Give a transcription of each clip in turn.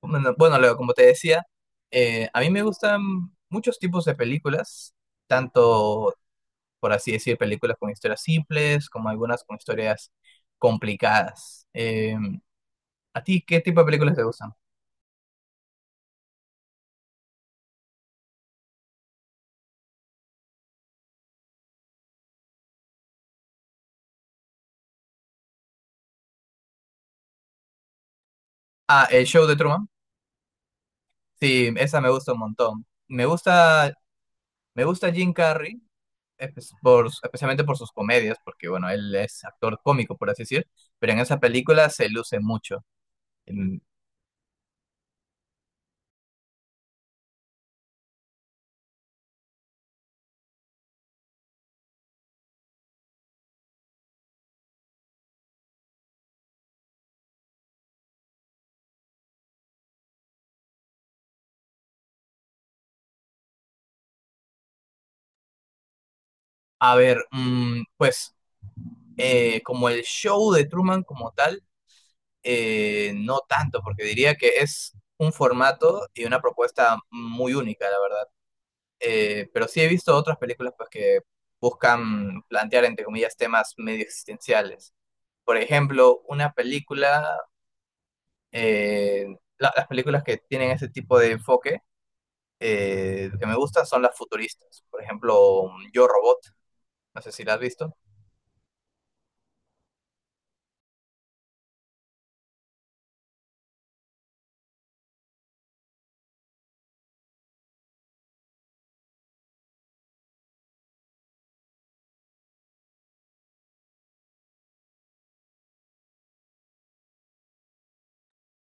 Bueno, bueno, Leo, como te decía, a mí me gustan muchos tipos de películas, tanto, por así decir, películas con historias simples, como algunas con historias complicadas. ¿A ti qué tipo de películas te gustan? Ah, El Show de Truman. Sí, esa me gusta un montón. Me gusta Jim Carrey, especialmente por sus comedias, porque, bueno, él es actor cómico, por así decir, pero en esa película se luce mucho. Mm. A ver, mm, pues... como el show de Truman como tal, no tanto, porque diría que es un formato y una propuesta muy única, la verdad. Pero sí he visto otras películas pues, que buscan plantear, entre comillas, temas medio existenciales. Por ejemplo, una película, eh, las películas que tienen ese tipo de enfoque que me gustan son las futuristas. Por ejemplo, Yo Robot, no sé si la has visto.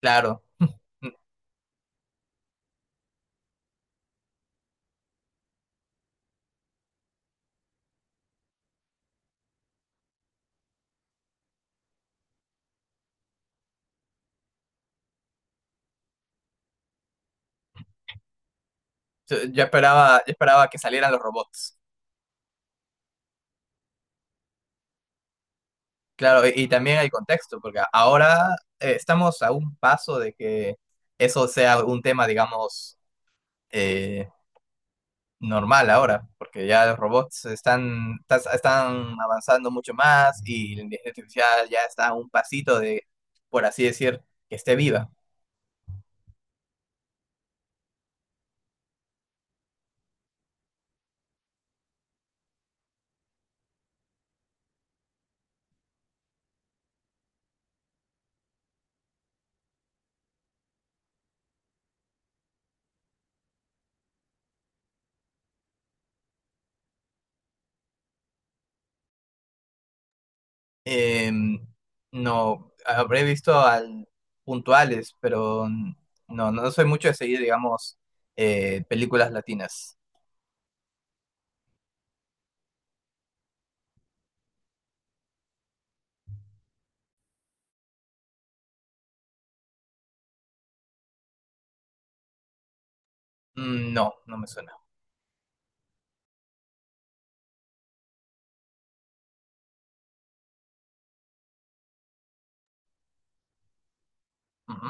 Claro. Yo esperaba que salieran los robots. Claro, y, también hay contexto, porque ahora estamos a un paso de que eso sea un tema, digamos, eh, normal ahora, porque ya los robots están avanzando mucho más y la inteligencia artificial ya está a un pasito de, por así decir, que esté viva. Em, no, habré visto al puntuales, pero no, no soy mucho de seguir, digamos, películas latinas. Mm. No, no me suena. Ujú.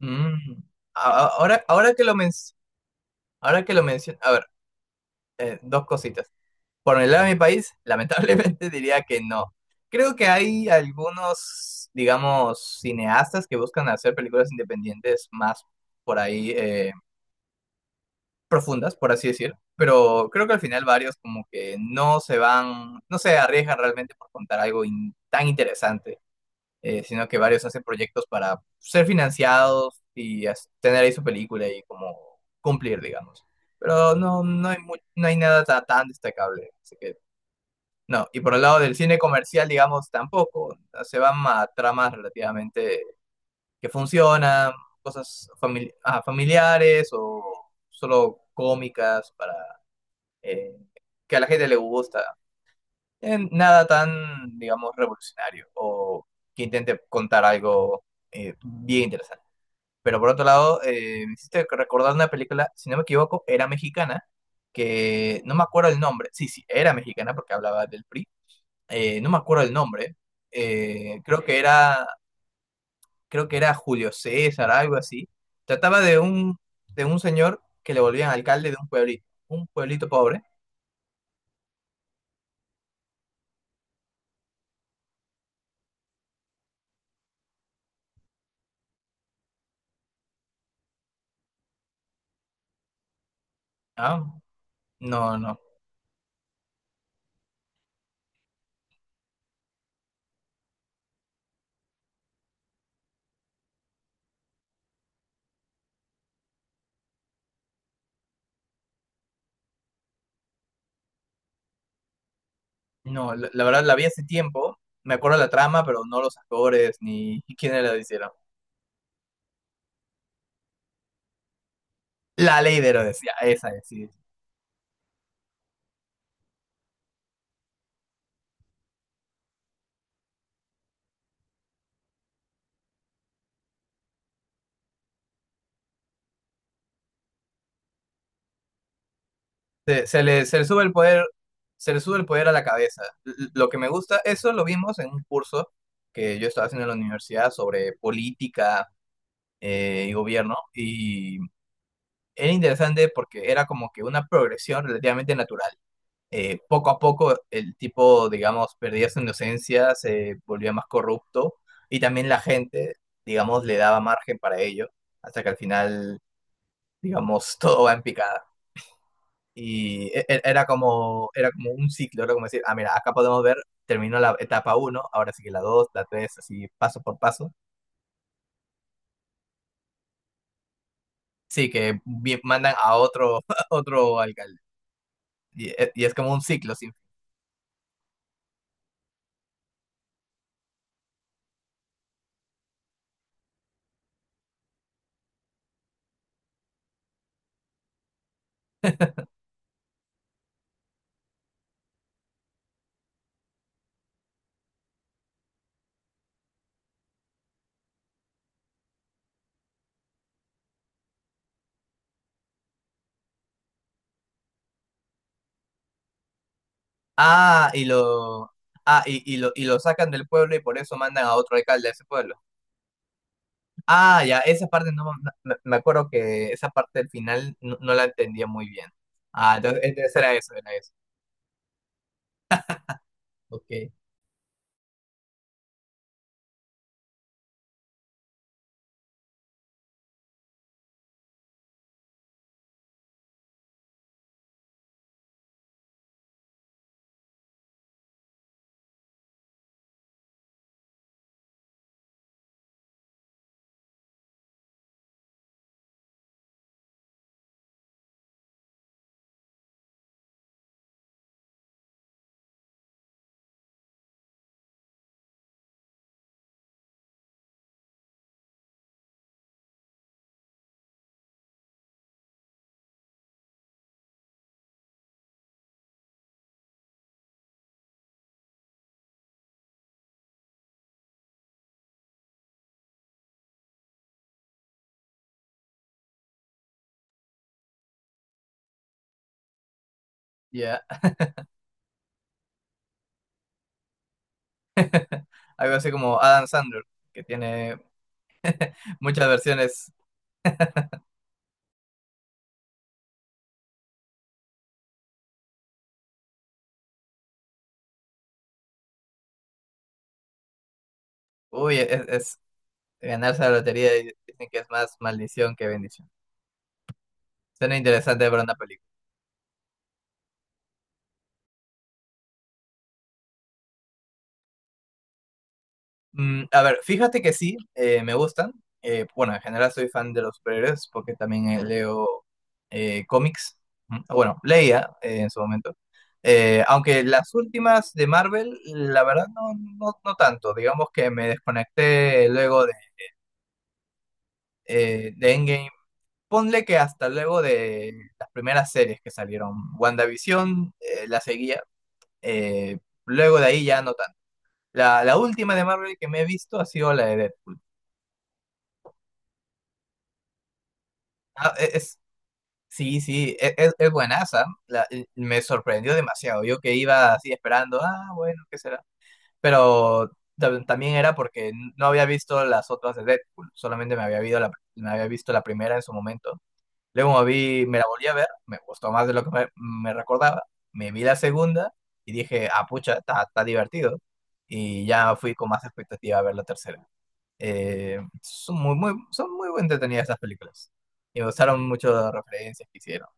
Mm. Ahora que ahora que lo menciono, a ver, dos cositas. Por el lado de mi país, lamentablemente diría que no. Creo que hay algunos, digamos, cineastas que buscan hacer películas independientes más por ahí profundas, por así decir. Pero creo que al final varios como que no se van, no se arriesgan realmente por contar algo tan interesante. Sino que varios hacen proyectos para ser financiados y tener ahí su película y como cumplir, digamos. Pero no, no hay no hay nada tan destacable, así que no. Y por el lado del cine comercial, digamos, tampoco. Se van a tramas relativamente que funcionan, cosas familiares o solo cómicas para eh, que a la gente le gusta en nada tan, digamos, revolucionario o que intente contar algo bien interesante. Pero por otro lado, me hiciste recordar una película, si no me equivoco, era mexicana, que no me acuerdo el nombre. Sí, sí, era mexicana porque hablaba del PRI. No me acuerdo el nombre. eh, creo que era, Creo que era Julio César, algo así. Trataba de un señor que le volvían alcalde de un pueblito pobre. Ah, no, no. No, la verdad la vi hace tiempo. Me acuerdo la trama, pero no los actores ni quiénes la hicieron. La ley de Herodes, ya, esa es, sí. Se le sube el poder, se le sube el poder a la cabeza. Lo que me gusta, eso lo vimos en un curso que yo estaba haciendo en la universidad sobre política y gobierno. Y era interesante porque era como que una progresión relativamente natural. Poco a poco el tipo, digamos, perdía su inocencia, se volvía más corrupto y también la gente, digamos, le daba margen para ello, hasta que al final, digamos, todo va en picada. Y era como un ciclo, era como decir, ah, mira, acá podemos ver, terminó la etapa uno, ahora sigue la dos, la tres, así paso por paso. Sí, que mandan a otro, a otro alcalde. Y, y es como un ciclo sin. Ah, y lo, ah, y, y lo sacan del pueblo y por eso mandan a otro alcalde a ese pueblo. Ah, ya, esa parte no me acuerdo que esa parte del final no, no la entendía muy bien. Ah, entonces era eso, era eso. Ok, ya. Algo así como Adam Sandler, que tiene muchas versiones. Uy, es, es- Ganarse la lotería y dicen que es más maldición que bendición. Suena interesante para una película. Mm, a ver, fíjate que sí, me gustan. Bueno, en general soy fan de los superhéroes porque también leo cómics. Mm. Bueno, leía en su momento. Aunque las últimas de Marvel, la verdad no, no tanto. Digamos que me desconecté luego de Endgame. Ponle que hasta luego de las primeras series que salieron. WandaVision la seguía. eh, Luego de ahí ya no tanto. La última de Marvel que me he visto ha sido la de Deadpool. Ah, e- es, Sí, sí, es buenaza. Me sorprendió demasiado. Yo que iba así esperando, ah, bueno, ¿qué será? Pero también era porque no había visto las otras de Deadpool, solamente me había visto la primera en su momento. Luego me vi, me la volví a ver, me gustó más de lo que me recordaba. Me vi la segunda y dije, ah, pucha, está divertido. Y ya fui con más expectativa a ver la tercera. Son son muy entretenidas esas películas. Y me gustaron mucho las referencias que hicieron.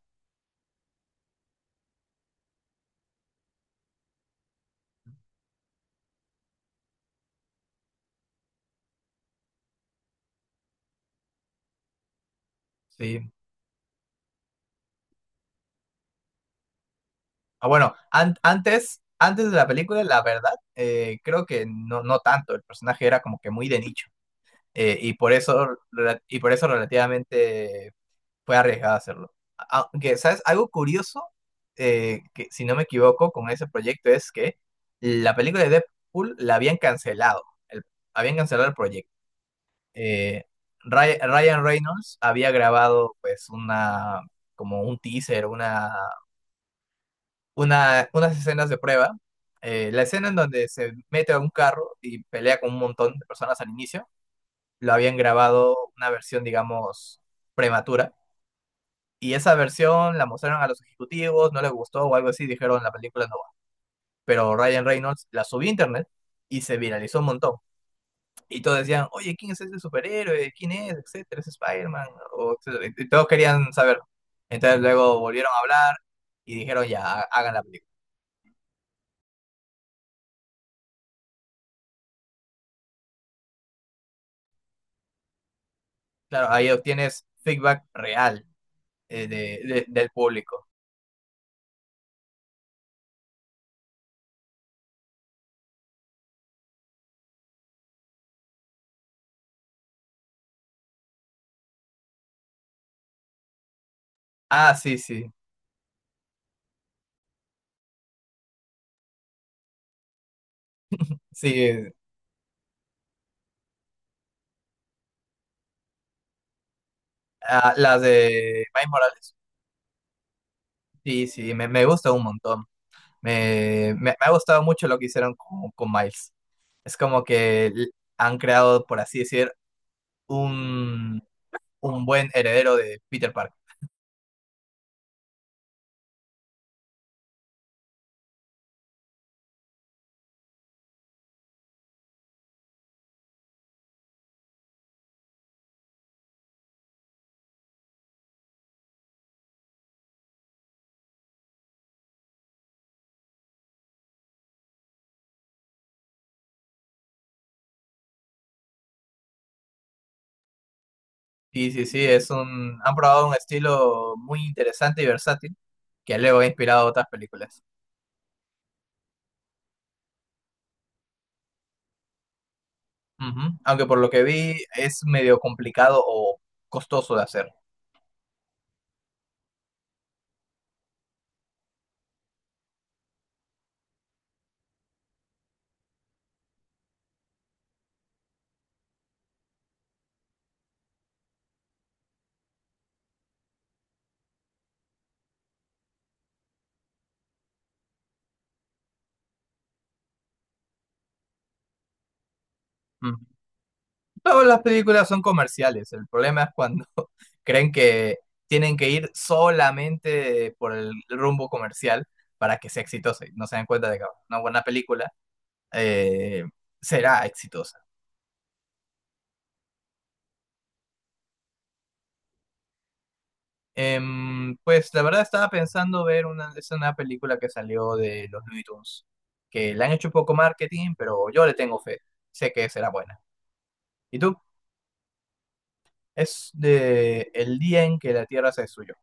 Sí. Ah, bueno, antes, antes de la película, la verdad, creo que no, no tanto. El personaje era como que muy de nicho. Y por eso relativamente fue arriesgado hacerlo. A- Aunque, ¿sabes? Algo curioso, que si no me equivoco, con ese proyecto es que la película de Deadpool la habían cancelado. el- Habían cancelado el proyecto. Eh, Ryan Reynolds había grabado pues una, como un teaser, unas escenas de prueba. La escena en donde se mete a un carro y pelea con un montón de personas al inicio, lo habían grabado una versión, digamos, prematura. Y esa versión la mostraron a los ejecutivos, no les gustó o algo así, dijeron la película no va. Pero Ryan Reynolds la subió a internet y se viralizó un montón. Y todos decían, oye, ¿quién es ese superhéroe? ¿Quién es? Etcétera, es Spider-Man, o etcétera. Y todos querían saberlo. Entonces luego volvieron a hablar y dijeron, ya, hagan la película. Claro, ahí obtienes feedback real del público. Ah, sí, sí, sí. Ah, las de Miles Morales. Sí, sí, me gusta un montón. Me- me ha gustado mucho lo que hicieron con Miles. Es como que han creado, por así decir, un, un buen heredero de Peter Parker. Sí, sí, sí, es un, han probado un estilo muy interesante y versátil que luego ha inspirado a otras películas. Ujú. Aunque por lo que vi es medio complicado o costoso de hacer. Ujú. Todas las películas son comerciales. El problema es cuando creen que tienen que ir solamente por el rumbo comercial para que sea exitosa y no se dan cuenta de que una buena película eh, será exitosa. Pues la verdad estaba pensando ver una, es una película que salió de los Looney Tunes, que le han hecho poco marketing, pero yo le tengo fe. Sé que será buena. ¿Y tú? Es de el día en que la Tierra se destruyó.